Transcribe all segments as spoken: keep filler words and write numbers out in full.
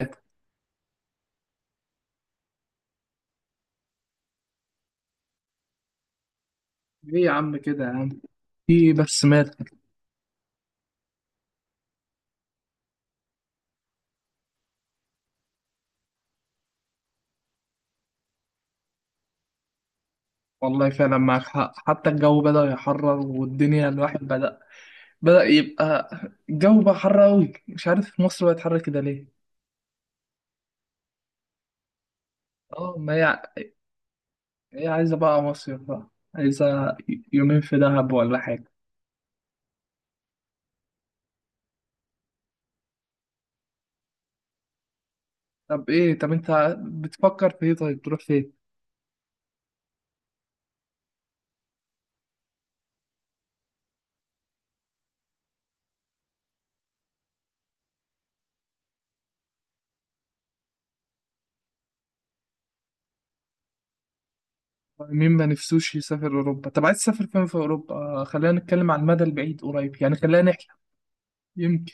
ايه. يا عم كده يا عم. في بس مات. والله فعلا معاك حق، حتى الجو بدأ يحرر والدنيا الواحد بدأ بدأ يبقى. الجو بقى حر أوي. مش عارف مصر بقت حر كده ليه؟ اه، ما هي هي عايزة بقى مصيف بقى، عايزة يومين في دهب ولا حاجة. طب ايه؟ طب انت بتفكر في ايه؟ طيب تروح فين؟ مين ما نفسوش يسافر أوروبا؟ طب عايز تسافر فين في أوروبا؟ آه، خلينا نتكلم عن المدى البعيد قريب يعني، خلينا نحلم يمكن.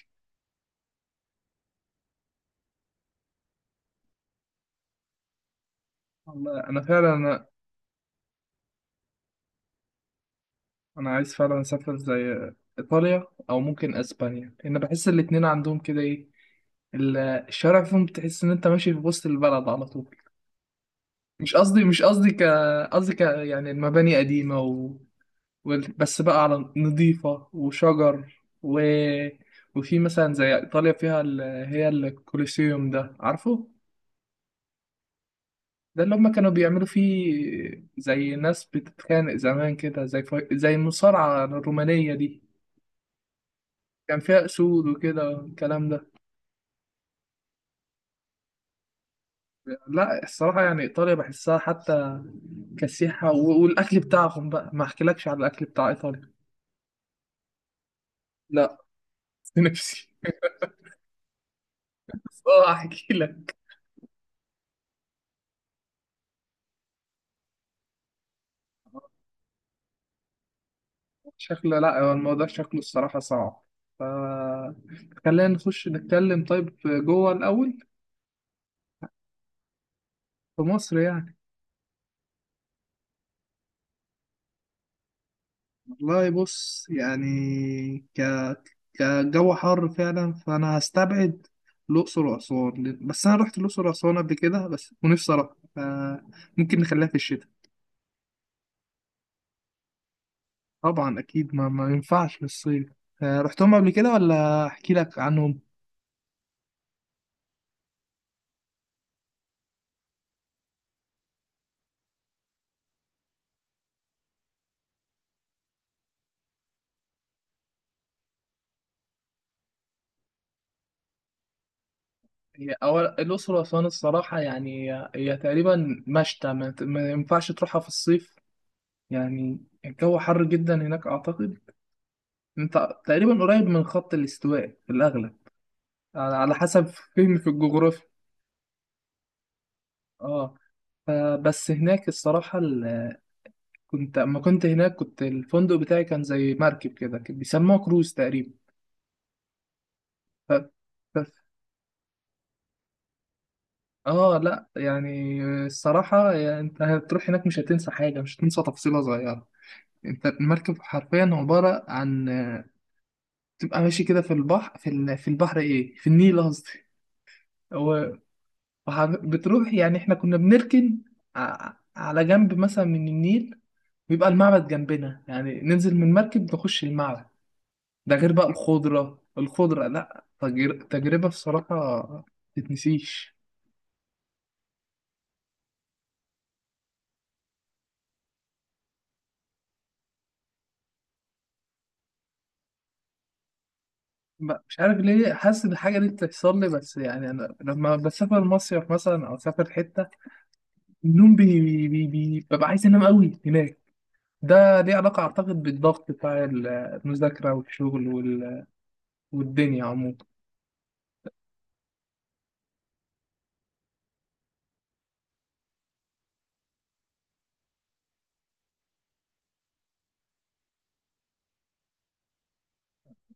والله أنا فعلا، انا عايز فعلا اسافر زي ايطاليا او ممكن اسبانيا، لان بحس الاتنين عندهم كده ايه، ال- الشوارع فيهم بتحس ان انت ماشي في وسط البلد على طول. مش قصدي، مش قصدي ك قصدي ك يعني المباني قديمة، و... وال- بس بقى على نظيفة وشجر. و... وفي مثلا زي ايطاليا فيها ال... هي الكوليسيوم ده عارفه. ده اللي هم كانوا بيعملوا فيه زي ناس بتتخانق زمان كده، زي ف... زي المصارعة الرومانية دي. كان فيها اسود وكده والكلام ده. لا الصراحه يعني ايطاليا بحسها حتى كسيحه، و- والاكل بتاعهم بقى، ما احكيلكش على الاكل بتاع ايطاليا. لا. نفسي. اه، احكي لك. شكله، لا، هو الموضوع شكله الصراحه صعب. ف خلينا نخش نتكلم طيب جوه الاول. في مصر يعني. والله بص يعني، ك كجو حر فعلا فانا هستبعد الاقصر واسوان، بس انا رحت الاقصر واسوان قبل كده بس، ونفسي اروح. ف- ممكن نخليها في الشتاء. طبعا اكيد ما, ما ينفعش في الصيف. ف- رحتهم قبل كده ولا احكي لك عنهم؟ هي أول الأقصر وأسوان الصراحة يعني، هي تقريبا مشتى، ما ت- ما ينفعش تروحها في الصيف يعني. الجو حر جدا هناك أعتقد. أنت تقريبا قريب من خط الاستواء في الأغلب، على حسب فهمي في الجغرافيا. اه. فبس هناك الصراحة، ال- كنت اما كنت هناك كنت الفندق بتاعي كان زي مركب كده، كان بيسموه كروز تقريبا. ف... ف... اه لا، يعني الصراحة يعني انت هتروح هناك مش هتنسى حاجة، مش هتنسى تفصيلة صغيرة. انت المركب حرفيا عبارة عن، آه، تبقى ماشي كده في البحر، في, ال... في البحر ايه، في النيل قصدي. و... وح- بتروح يعني احنا كنا بنركن ع- على جنب مثلا من النيل، بيبقى المعبد جنبنا، يعني ننزل من المركب نخش المعبد. ده غير بقى الخضرة الخضرة، لا تجر... تجربة بصراحة تتنسيش. ب- مش عارف ليه حاسس إن الحاجة دي بتحصل لي بس، يعني أنا لما بسافر مصيف مثلا أو أسافر حتة، النوم بي... بي... بي... بي... ببقى عايز أنام أوي هناك. ده ليه علاقة أعتقد بالضغط بتاع المذاكرة والشغل وال... والدنيا عموما.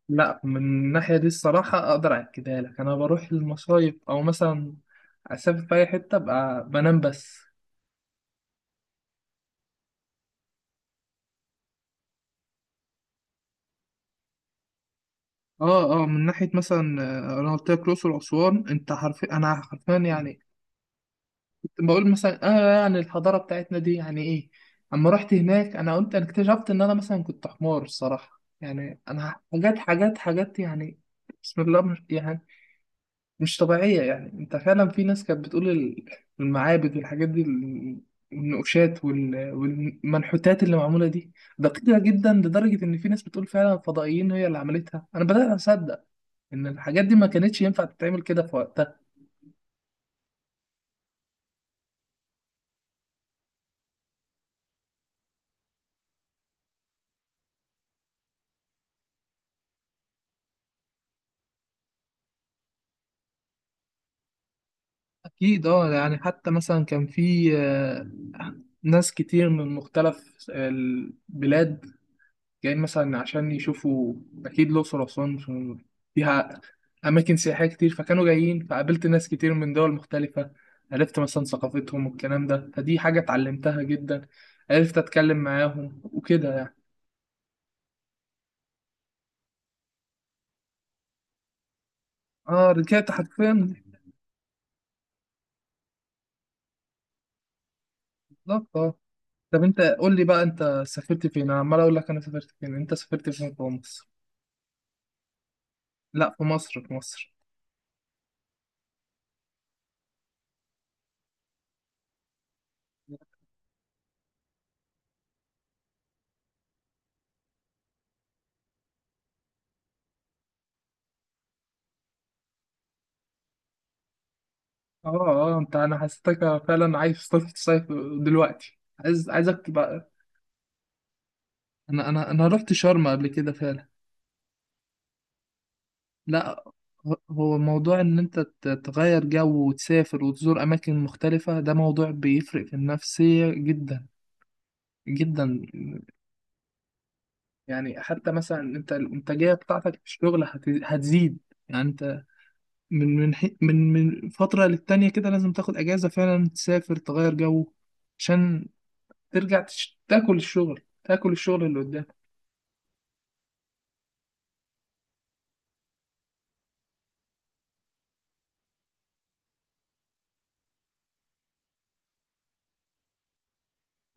لا، من الناحية دي الصراحة أقدر أكدها لك. أنا بروح المصايف أو مثلا أسافر في أي حتة أبقى بنام بس. اه اه، من ناحيه مثلا، آه، انا قلت لك الاقصر واسوان. انت حرفيا، انا حرفيا يعني كنت بقول مثلا، اه، يعني الحضاره بتاعتنا دي يعني ايه. اما رحت هناك انا قلت، انا اكتشفت ان انا مثلا كنت حمار الصراحه، يعني انا حاجات حاجات حاجات يعني، بسم الله، مش يعني مش طبيعية. يعني انت فعلا في ناس كانت بتقول ال- المعابد والحاجات دي، ال- النقوشات وال- والمنحوتات اللي معمولة دي دقيقة جدا، لدرجة ان في ناس بتقول فعلا فضائيين هي اللي عملتها. انا بدأت اصدق ان الحاجات دي ما كانتش ينفع تتعمل كده في وقتها. اكيد. اه، يعني حتى مثلا كان في آه، ناس كتير من مختلف آه، البلاد جايين مثلا عشان يشوفوا. أكيد الأقصر وأسوان مش- فيها أماكن سياحية كتير، فكانوا جايين، فقابلت ناس كتير من دول مختلفة، عرفت مثلا ثقافتهم والكلام ده. فدي حاجة اتعلمتها جدا، عرفت أتكلم معاهم وكده يعني. اه رجعت حرفيا. بالظبط اه. طب أنت قول لي بقى أنت سافرت فين. أنا عمال أقول لك أنا سافرت فين، أنت سافرت فين في مصر؟ لا في مصر، في مصر. اه اه، انت، انا حسيتك فعلا عايز تصيف تصيف دلوقتي، عايز عايزك تبقى. انا انا انا رحت شرم قبل كده فعلا. لا، ه- هو موضوع ان انت ت- تغير جو وتسافر وتزور اماكن مختلفة، ده موضوع بيفرق في النفسية جدا جدا. يعني حتى مثلا انت الانتاجية بتاعتك في الشغل هت- هتزيد. يعني انت من من حي- من من فترة للتانية كده لازم تاخد اجازة فعلا تسافر تغير جو، عشان ترجع تش- تاكل الشغل تاكل الشغل اللي قدامك.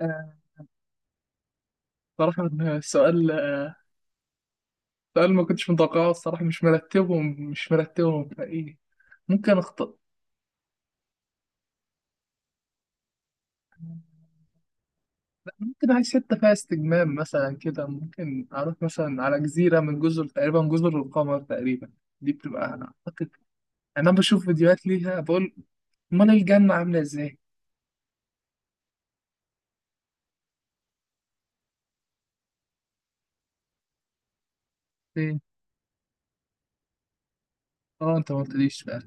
آه، صراحة آه، سؤال ده اللي ما كنتش متوقعه الصراحة، مش مرتبهم مش مرتبهم فإيه، ممكن أخطأ. لا، ممكن عايز حتة فيها استجمام مثلا كده، ممكن أروح مثلا على جزيرة، من جزر تقريبا جزر القمر تقريبا. دي بتبقى أعتقد، أنا بشوف فيديوهات ليها بقول: أمال الجنة عاملة إزاي؟ إيه؟ أه، أنت ما قلتليش بقى.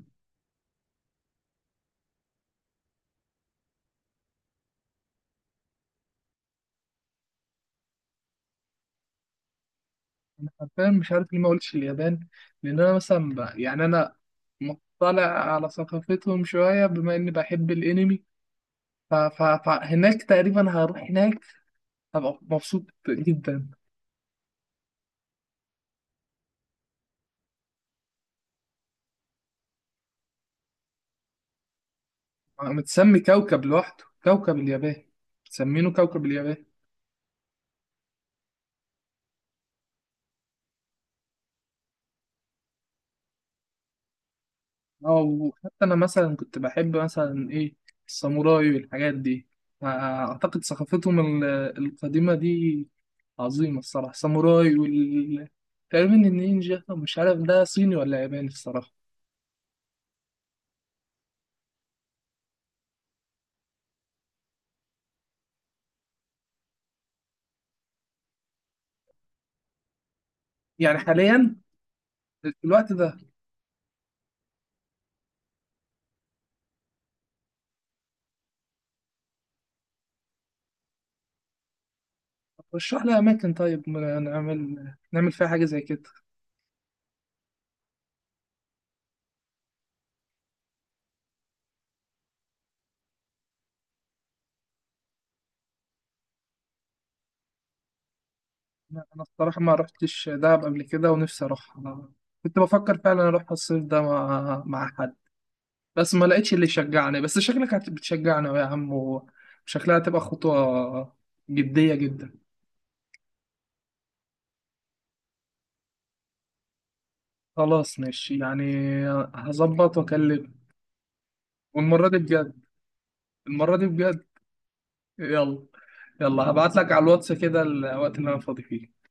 أنا حرفيا مش عارف ليه ما قلتش اليابان. لأن أنا مثلا ب- يعني أنا مطلع على ثقافتهم شوية، بما إني بحب الأنمي. ف- ف- فهناك تقريبا هروح هناك هبقى مبسوط جدا. متسمي كوكب لوحده كوكب اليابان، مسمينه كوكب اليابان. اه، وحتى انا مثلا كنت بحب مثلا ايه، الساموراي والحاجات دي. اعتقد ثقافتهم ال- القديمة دي عظيمة الصراحة. الساموراي وال تقريبا النينجا، مش عارف ده صيني ولا ياباني الصراحة. يعني حاليا في الوقت ده رشح لي أماكن طيب، م- نعمل نعمل فيها حاجة زي كده. لا، انا الصراحه ما رحتش دهب قبل كده ونفسي اروح. أنا كنت بفكر فعلا اروح الصيف ده مع مع حد، بس ما لقيتش اللي يشجعني. بس شكلك هت- بتشجعنا يا عم، وشكلها هتبقى خطوه جديه جدا. خلاص ماشي يعني، هظبط واكلم. والمره دي بجد، المره دي بجد. يلا. يلا هبعت لك على الواتس كده الوقت اللي انا فاضي فيه.